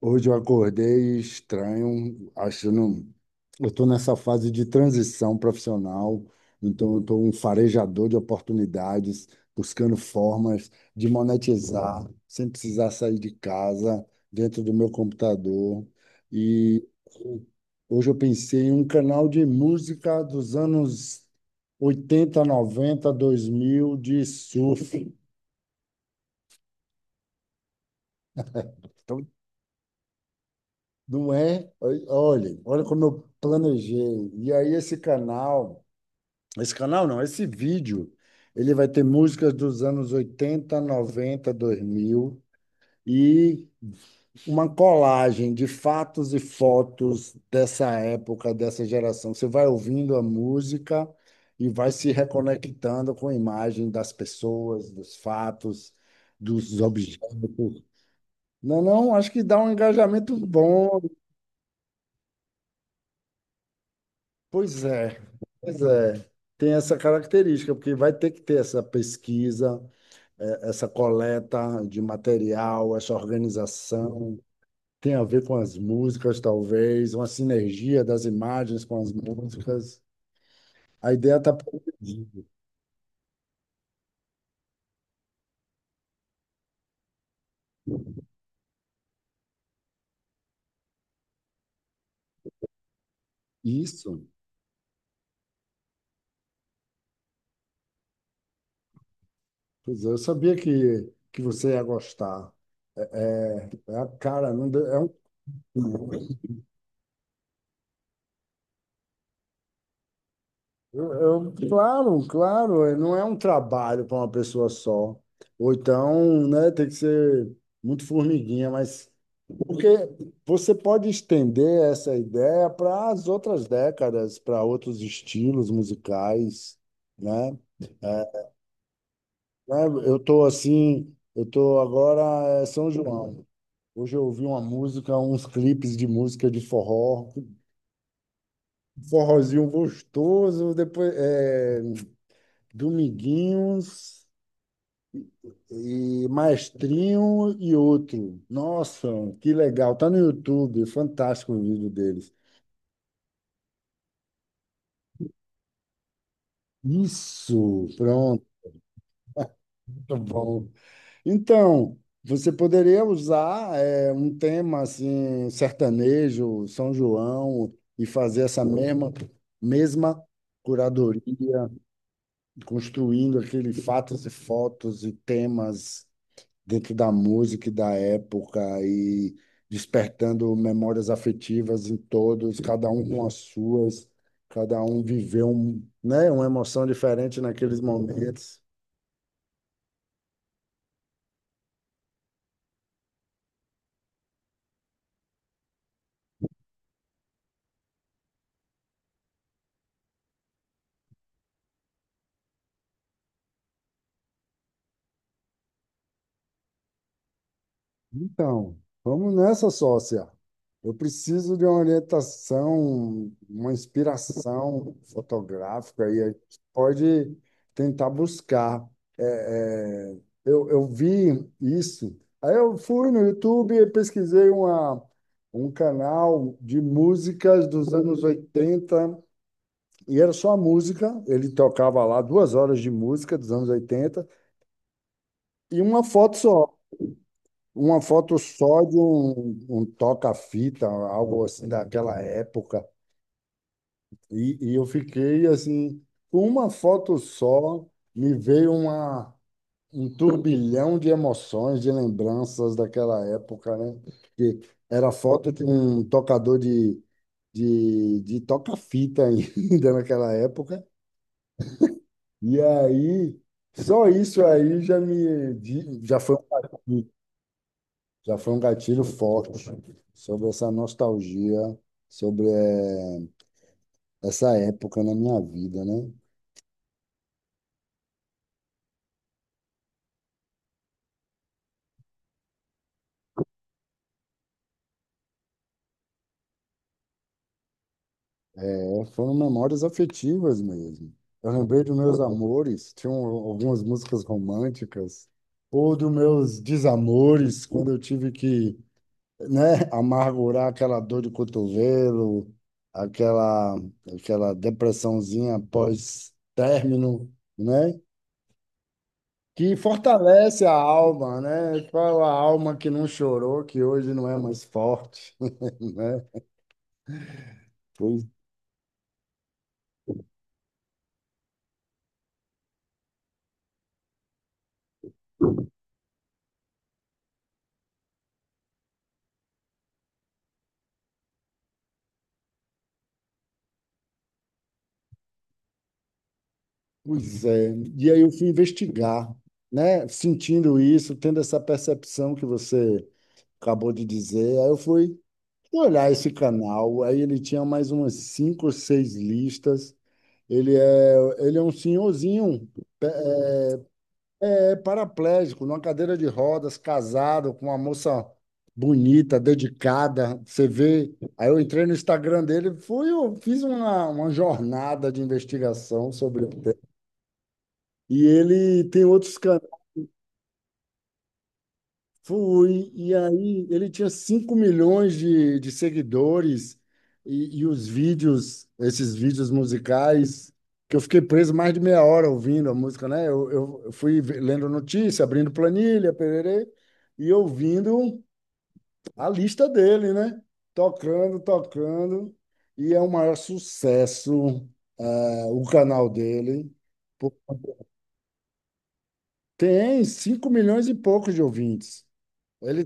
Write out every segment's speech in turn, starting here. Hoje eu acordei estranho, achando. Eu estou nessa fase de transição profissional, então eu estou um farejador de oportunidades, buscando formas de monetizar sem precisar sair de casa, dentro do meu computador. E hoje eu pensei em um canal de música dos anos oitenta, noventa, dois mil de surf. Então, não é? Olha, olha como eu planejei. E aí esse canal não, esse vídeo, ele vai ter músicas dos anos oitenta, noventa, dois mil e uma colagem de fatos e fotos dessa época, dessa geração. Você vai ouvindo a música e vai se reconectando com a imagem das pessoas, dos fatos, dos objetos. Não, é não, acho que dá um engajamento bom. Pois é. Pois é, tem essa característica, porque vai ter que ter essa pesquisa, essa coleta de material, essa organização. Tem a ver com as músicas, talvez, uma sinergia das imagens com as músicas. A ideia está produzida. Isso. Pois é, eu sabia que você ia gostar. É a cara, não deu- é um, eu- claro, claro, não é um trabalho para uma pessoa só. Ou então, né, tem que ser muito formiguinha, mas. Porque você pode estender essa ideia para as outras décadas, para outros estilos musicais, né? É, né, eu estou assim, eu estou agora é São João. Hoje eu ouvi uma música, uns clipes de música de forró, forrozinho gostoso, Dominguinhos e Maestrinho e outro. Nossa, que legal! Tá no YouTube, fantástico o vídeo deles. Isso, pronto. Muito bom. Então, você poderia usar um tema assim, sertanejo, São João, e fazer essa mesma curadoria, construindo aquele fatos e fotos e temas dentro da música e da época e despertando memórias afetivas em todos, cada um com as suas, cada um viveu um, né, uma emoção diferente naqueles momentos. Então, vamos nessa, sócia. Eu preciso de uma orientação, uma inspiração fotográfica e a gente pode tentar buscar. É, é, eu vi isso. Aí eu fui no YouTube e pesquisei um canal de músicas dos anos 80 e era só música. Ele tocava lá duas horas de música dos anos 80 e uma foto só. Uma foto só de um toca-fita, algo assim daquela época. E eu fiquei assim, com uma foto só, me veio um turbilhão de emoções, de lembranças daquela época, né? Que era foto de um tocador de toca-fita ainda naquela época. E aí, só isso aí já me, di- um já foi um gatilho forte sobre essa nostalgia, sobre essa época na minha vida, né? É, foram memórias afetivas mesmo. Eu lembrei dos meus amores, tinham algumas músicas românticas, ou dos meus desamores, quando eu tive que, né, amargurar aquela dor de cotovelo, aquela, aquela depressãozinha pós-término, né? Que fortalece a alma, né? Qual a alma que não chorou, que hoje não é mais forte, né? Pois, pois é. E aí eu fui investigar, né? Sentindo isso, tendo essa percepção que você acabou de dizer, aí eu fui olhar esse canal, aí ele tinha mais umas cinco ou seis listas. Ele é, ele é um senhorzinho, é paraplégico, numa cadeira de rodas, casado com uma moça bonita, dedicada. Você vê. Aí eu entrei no Instagram dele, fui, eu fiz uma jornada de investigação sobre o tema. E ele tem outros canais. Fui, e aí ele tinha 5 milhões de seguidores e os vídeos, esses vídeos musicais, que eu fiquei preso mais de meia hora ouvindo a música, né? Eu fui lendo notícia, abrindo planilha, pererê, e ouvindo a lista dele, né? Tocando, tocando, e é o maior sucesso, ah, o canal dele. Pô, tem 5 milhões e poucos de ouvintes. Ele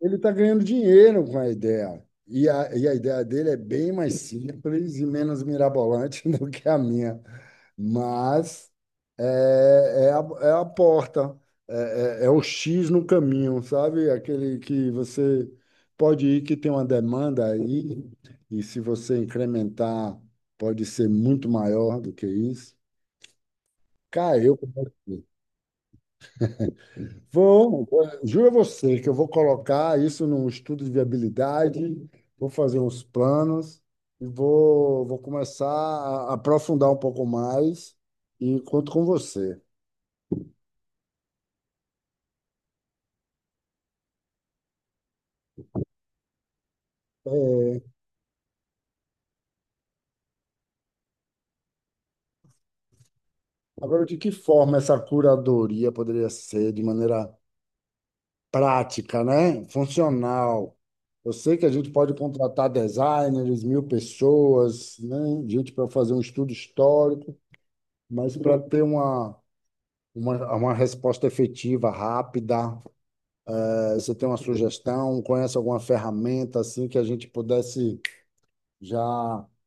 Ele está ganhando dinheiro com a ideia. E a ideia dele é bem mais simples e menos mirabolante do que a minha. Mas é, é a porta, é o X no caminho, sabe? Aquele que você pode ir, que tem uma demanda aí, e se você incrementar, pode ser muito maior do que isso. Caiu. Vão, juro a você que eu vou colocar isso num estudo de viabilidade, vou fazer uns planos e vou começar a aprofundar um pouco mais e conto com você. Agora, de que forma essa curadoria poderia ser de maneira prática, né? Funcional. Eu sei que a gente pode contratar designers, mil pessoas, né? Gente para fazer um estudo histórico, mas para ter uma resposta efetiva, rápida. Você tem uma sugestão? Conhece alguma ferramenta assim que a gente pudesse já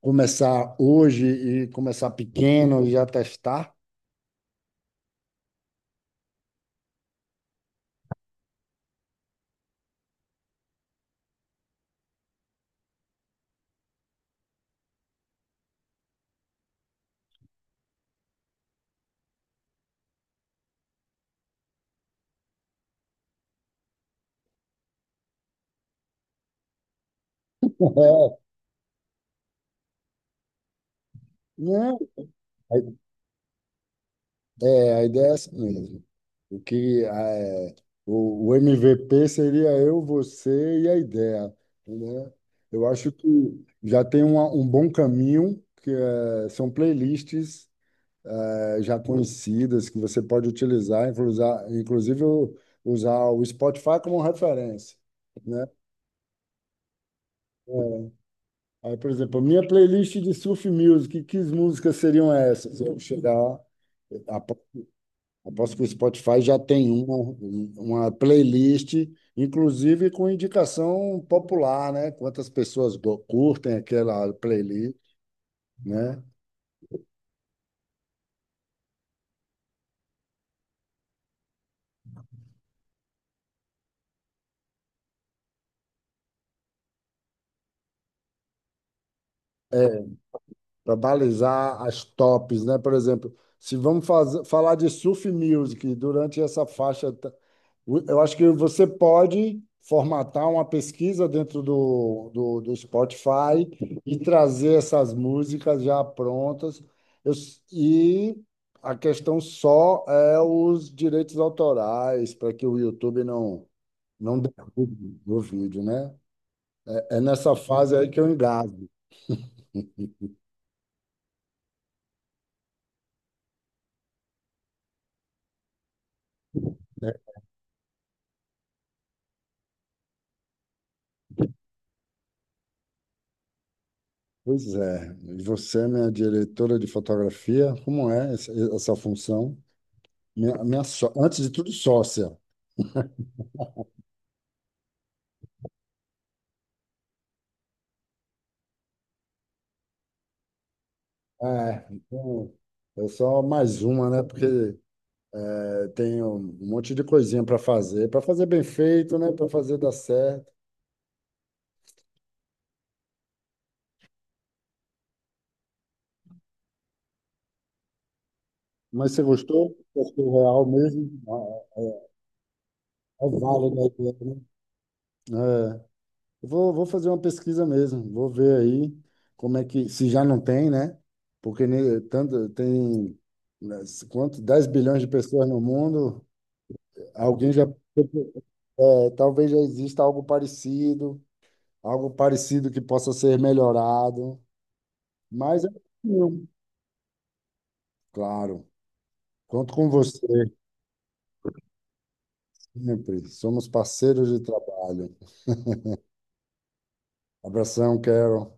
começar hoje e começar pequeno e já testar? É, né? É, a ideia é essa mesmo. O que é, o MVP seria eu, você e a ideia, né? Eu acho que um bom caminho, que é, são playlists já conhecidas que você pode utilizar, inclusive usar o Spotify como referência, né? É, aí, por exemplo, minha playlist de surf music, que músicas seriam essas? Apo- Aposto que o Spotify já tem uma playlist, inclusive com indicação popular, né? Quantas pessoas curtem aquela playlist, né? Para balizar as tops, né? Por exemplo, se vamos falar de surf music durante essa faixa, eu acho que você pode formatar uma pesquisa dentro do Spotify e trazer essas músicas já prontas. E a questão só é os direitos autorais, para que o YouTube não, não derrube o vídeo, né? É nessa fase aí que eu engasgo. Pois é, e você é minha diretora de fotografia, como é essa função? Antes de tudo, sócia. É, então, eu sou mais uma, né? Porque é, tenho um monte de coisinha para fazer bem feito, né? Para fazer dar certo. Mas você gostou? Porque o real mesmo, ah, é válido, né? É. Eu vou fazer uma pesquisa mesmo, vou ver aí como é que, se já não tem, né? Porque tanto, tem, né, quanto, 10 bilhões de pessoas no mundo, alguém já, é, talvez já exista algo parecido que possa ser melhorado, mas é possível. Claro, conto com você sempre, somos parceiros de trabalho. Abração, Carol.